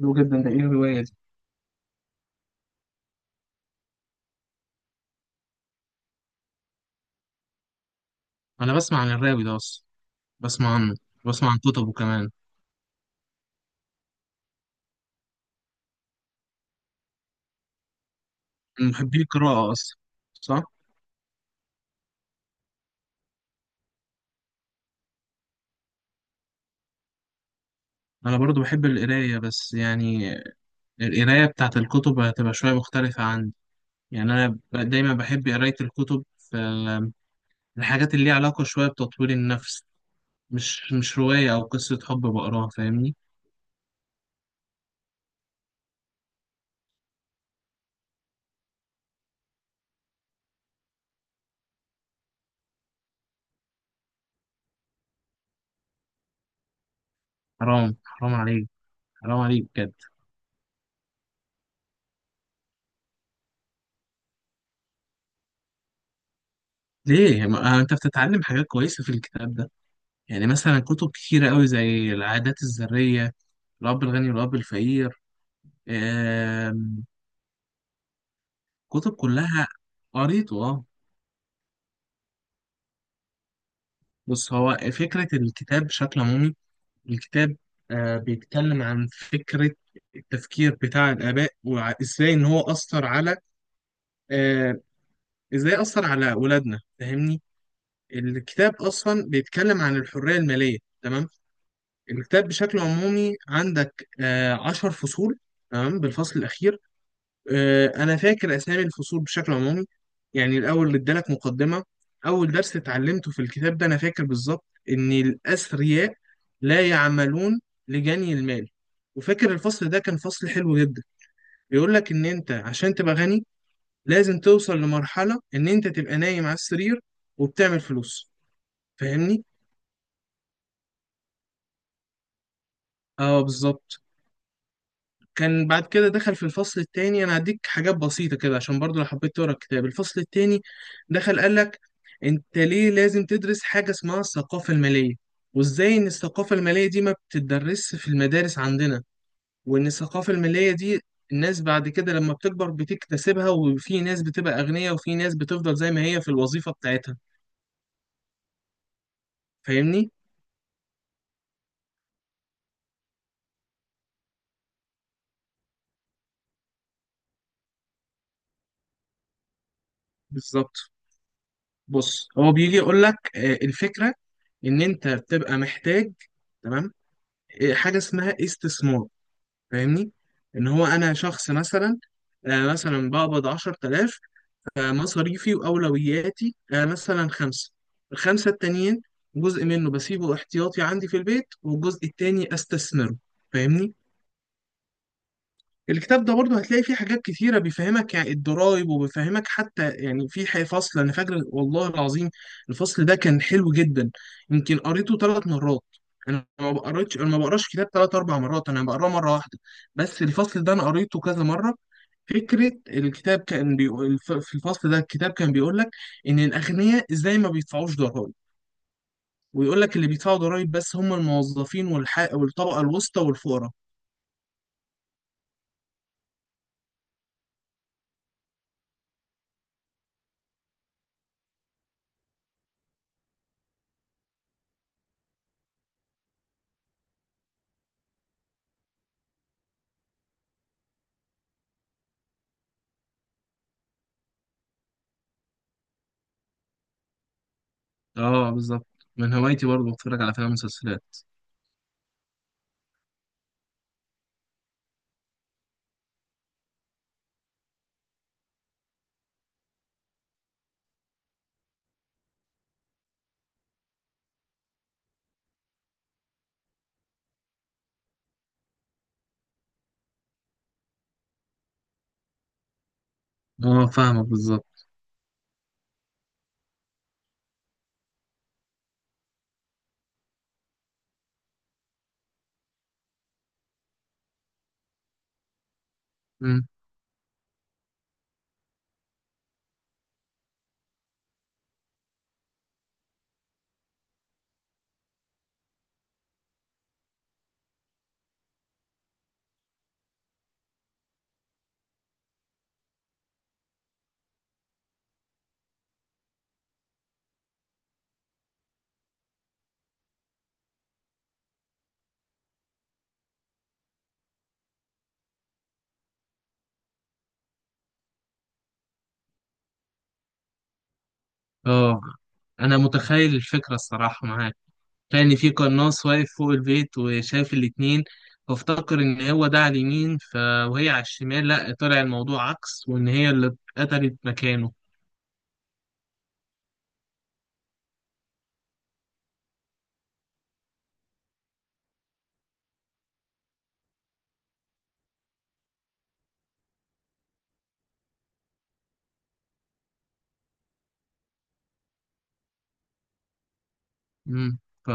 حلو جدا. ده ايه الرواية دي؟ انا بسمع عن الراوي ده اصلا، بسمع عنه، بسمع عن كتبه كمان. من محبي القراءة اصلا، صح. انا برضو بحب القراية بس يعني القراية بتاعت الكتب هتبقى شوية مختلفة عندي. يعني انا دايما بحب قراية الكتب في الحاجات اللي ليها علاقة شوية بتطوير النفس. مش رواية او قصة حب بقراها، فاهمني؟ حرام عليك، حرام عليك بجد. ليه، ما انت بتتعلم حاجات كويسة في الكتاب ده. يعني مثلا كتب كتيرة قوي زي العادات الذرية، الاب الغني والاب الفقير. آم، كتب كلها قريته اه. بص، هو فكرة الكتاب بشكل عمومي، الكتاب بيتكلم عن فكرة التفكير بتاع الآباء وإزاي إن هو أثر على، آه، إزاي أثر على أولادنا، فاهمني؟ الكتاب أصلا بيتكلم عن الحرية المالية، تمام. الكتاب بشكل عمومي عندك عشر فصول. تمام، بالفصل الأخير انا فاكر اسامي الفصول بشكل عمومي. يعني الاول اللي ادالك مقدمه، اول درس اتعلمته في الكتاب ده انا فاكر بالظبط، ان الاثرياء لا يعملون لجني المال. وفاكر الفصل ده كان فصل حلو جدا، بيقول لك ان انت عشان تبقى غني لازم توصل لمرحله ان انت تبقى نايم على السرير وبتعمل فلوس، فاهمني؟ اه بالظبط. كان بعد كده دخل في الفصل التاني، انا هديك حاجات بسيطة كده عشان برضو لو حبيت تقرا الكتاب. الفصل التاني دخل قال لك انت ليه لازم تدرس حاجة اسمها الثقافة المالية، وازاي ان الثقافة المالية دي ما بتدرسش في المدارس عندنا، وان الثقافة المالية دي الناس بعد كده لما بتكبر بتكتسبها، وفي ناس بتبقى أغنياء وفي ناس بتفضل زي ما هي في الوظيفة بتاعتها، فاهمني؟ بالظبط. بص، هو بيجي يقول لك الفكرة ان انت بتبقى محتاج، تمام، حاجة اسمها استثمار، فاهمني؟ ان هو انا شخص مثلا مثلا بقبض 10,000، فمصاريفي واولوياتي مثلا خمسه، الخمسه التانيين جزء منه بسيبه احتياطي عندي في البيت والجزء التاني استثمره، فاهمني؟ الكتاب ده برضه هتلاقي فيه حاجات كتيرة بيفهمك يعني الضرايب، وبيفهمك حتى يعني في فصل أنا فاكر والله العظيم الفصل ده كان حلو جدا، يمكن قريته ثلاث مرات. أنا ما بقراش كتاب ثلاث أربع مرات، أنا بقراه مرة واحدة، بس الفصل ده أنا قريته كذا مرة. فكرة الكتاب كان بيقول في الفصل ده الكتاب كان بيقول لك إن الأغنياء إزاي ما بيدفعوش ضرايب، ويقول لك اللي بيدفعوا ضرايب بس هم الموظفين والطبقة الوسطى والفقراء. اه بالظبط. من هوايتي برضه بتفرج على افلام ومسلسلات. اه فاهمك بالظبط. مم. اه انا متخيل الفكره الصراحه معاك، كان في قناص واقف فوق البيت وشايف الاتنين، فافتكر ان هو ده على اليمين وهي على الشمال، لا طلع الموضوع عكس وان هي اللي اتقتلت مكانه. امم ف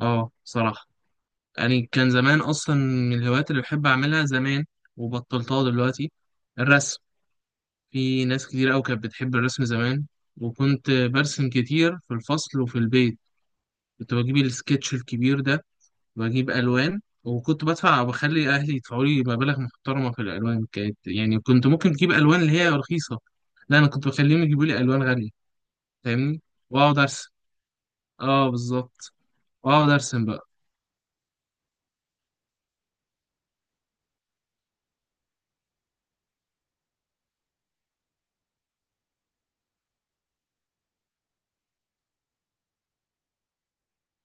اه صراحه. يعني كان زمان اصلا من الهوايات اللي بحب اعملها زمان وبطلتها دلوقتي، الرسم. في ناس كتير أوي كانت بتحب الرسم زمان، وكنت برسم كتير في الفصل وفي البيت، كنت بجيب السكتش الكبير ده، بجيب ألوان، وكنت بدفع وبخلي أهلي يدفعوا لي مبالغ محترمة في الألوان. كانت يعني كنت ممكن أجيب ألوان اللي هي رخيصة، لا أنا كنت بخليهم يجيبوا لي ألوان غالية، فاهمني؟ وأقعد أرسم. أه بالظبط، وأقعد أرسم بقى.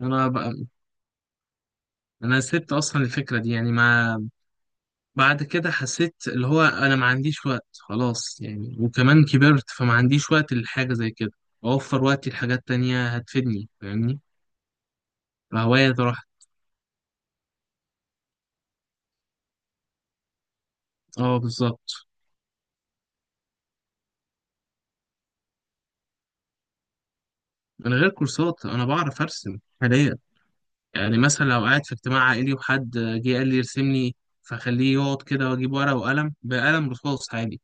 أنا بقى، أنا سبت أصلا الفكرة دي، يعني ما، بعد كده حسيت اللي هو انا ما عنديش وقت خلاص يعني، وكمان كبرت فما عنديش وقت لحاجة زي كده، اوفر وقتي لحاجات تانية هتفيدني، فاهمني؟ فهواية راحت. اه بالظبط. من غير كورسات انا بعرف ارسم حاليا. يعني مثلا لو قاعد في اجتماع عائلي وحد جه قال لي ارسم لي، فخليه يقعد كده واجيب ورقة وقلم، بقلم رصاص عادي،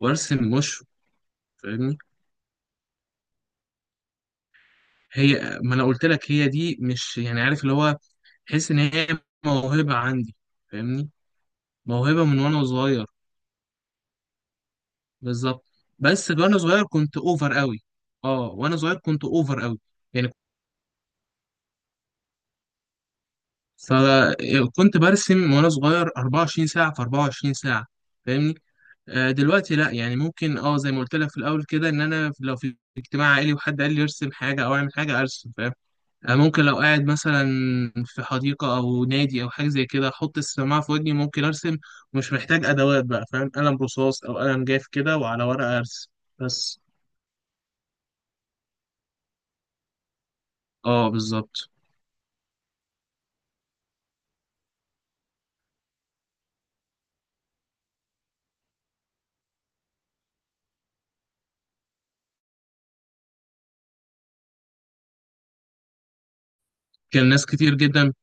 وارسم وشه. فاهمني، هي ما انا قلت لك هي دي، مش يعني عارف اللي هو، تحس ان هي موهبة عندي، فاهمني؟ موهبة من وانا صغير. بالظبط. بس وانا صغير كنت اوفر قوي. اه وانا صغير كنت اوفر قوي، يعني فكنت برسم وانا صغير 24 ساعة في 24 ساعة، فاهمني؟ آه دلوقتي لا، يعني ممكن اه زي ما قلت لك في الاول كده، ان انا لو في اجتماع عائلي وحد قال لي ارسم حاجة او اعمل حاجة ارسم، فاهم؟ آه ممكن لو قاعد مثلا في حديقة او نادي او حاجة زي كده احط السماعة في ودني ممكن ارسم، مش محتاج ادوات بقى، فاهم؟ قلم رصاص او قلم جاف كده وعلى ورقة ارسم بس. اه بالظبط. كان ناس كتير جدا.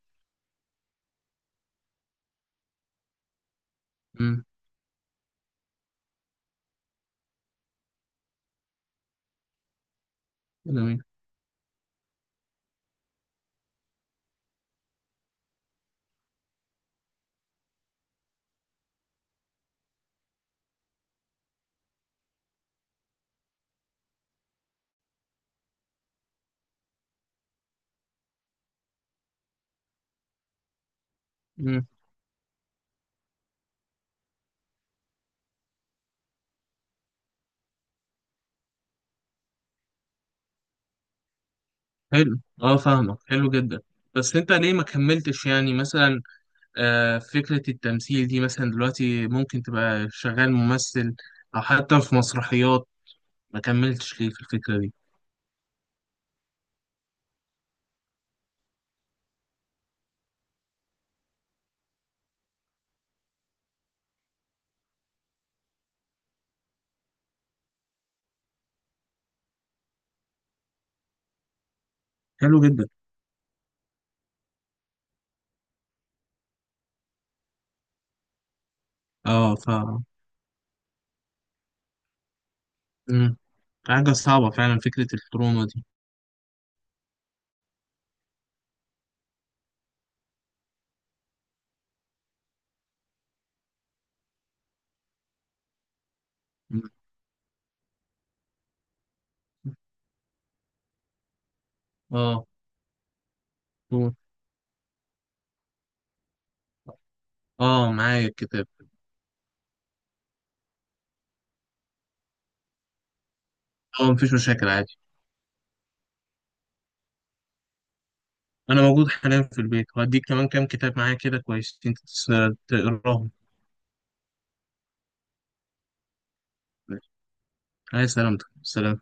مم. جميل. مم. حلو، اه فاهمك، حلو جدا. بس انت ليه ما كملتش، يعني مثلا فكرة التمثيل دي مثلا دلوقتي ممكن تبقى شغال ممثل او حتى في مسرحيات، ما كملتش ليه في الفكرة دي؟ حلو جدا. اه ف. مم. حاجة صعبة فعلا فكرة التروما دي. مم. اه. دول. اه معايا الكتاب. اه مفيش مشاكل عادي. انا موجود حاليا في البيت، وهديك كمان كام كتاب معايا كده، كويس انت تقراهم. هاي، سلامتك، سلام.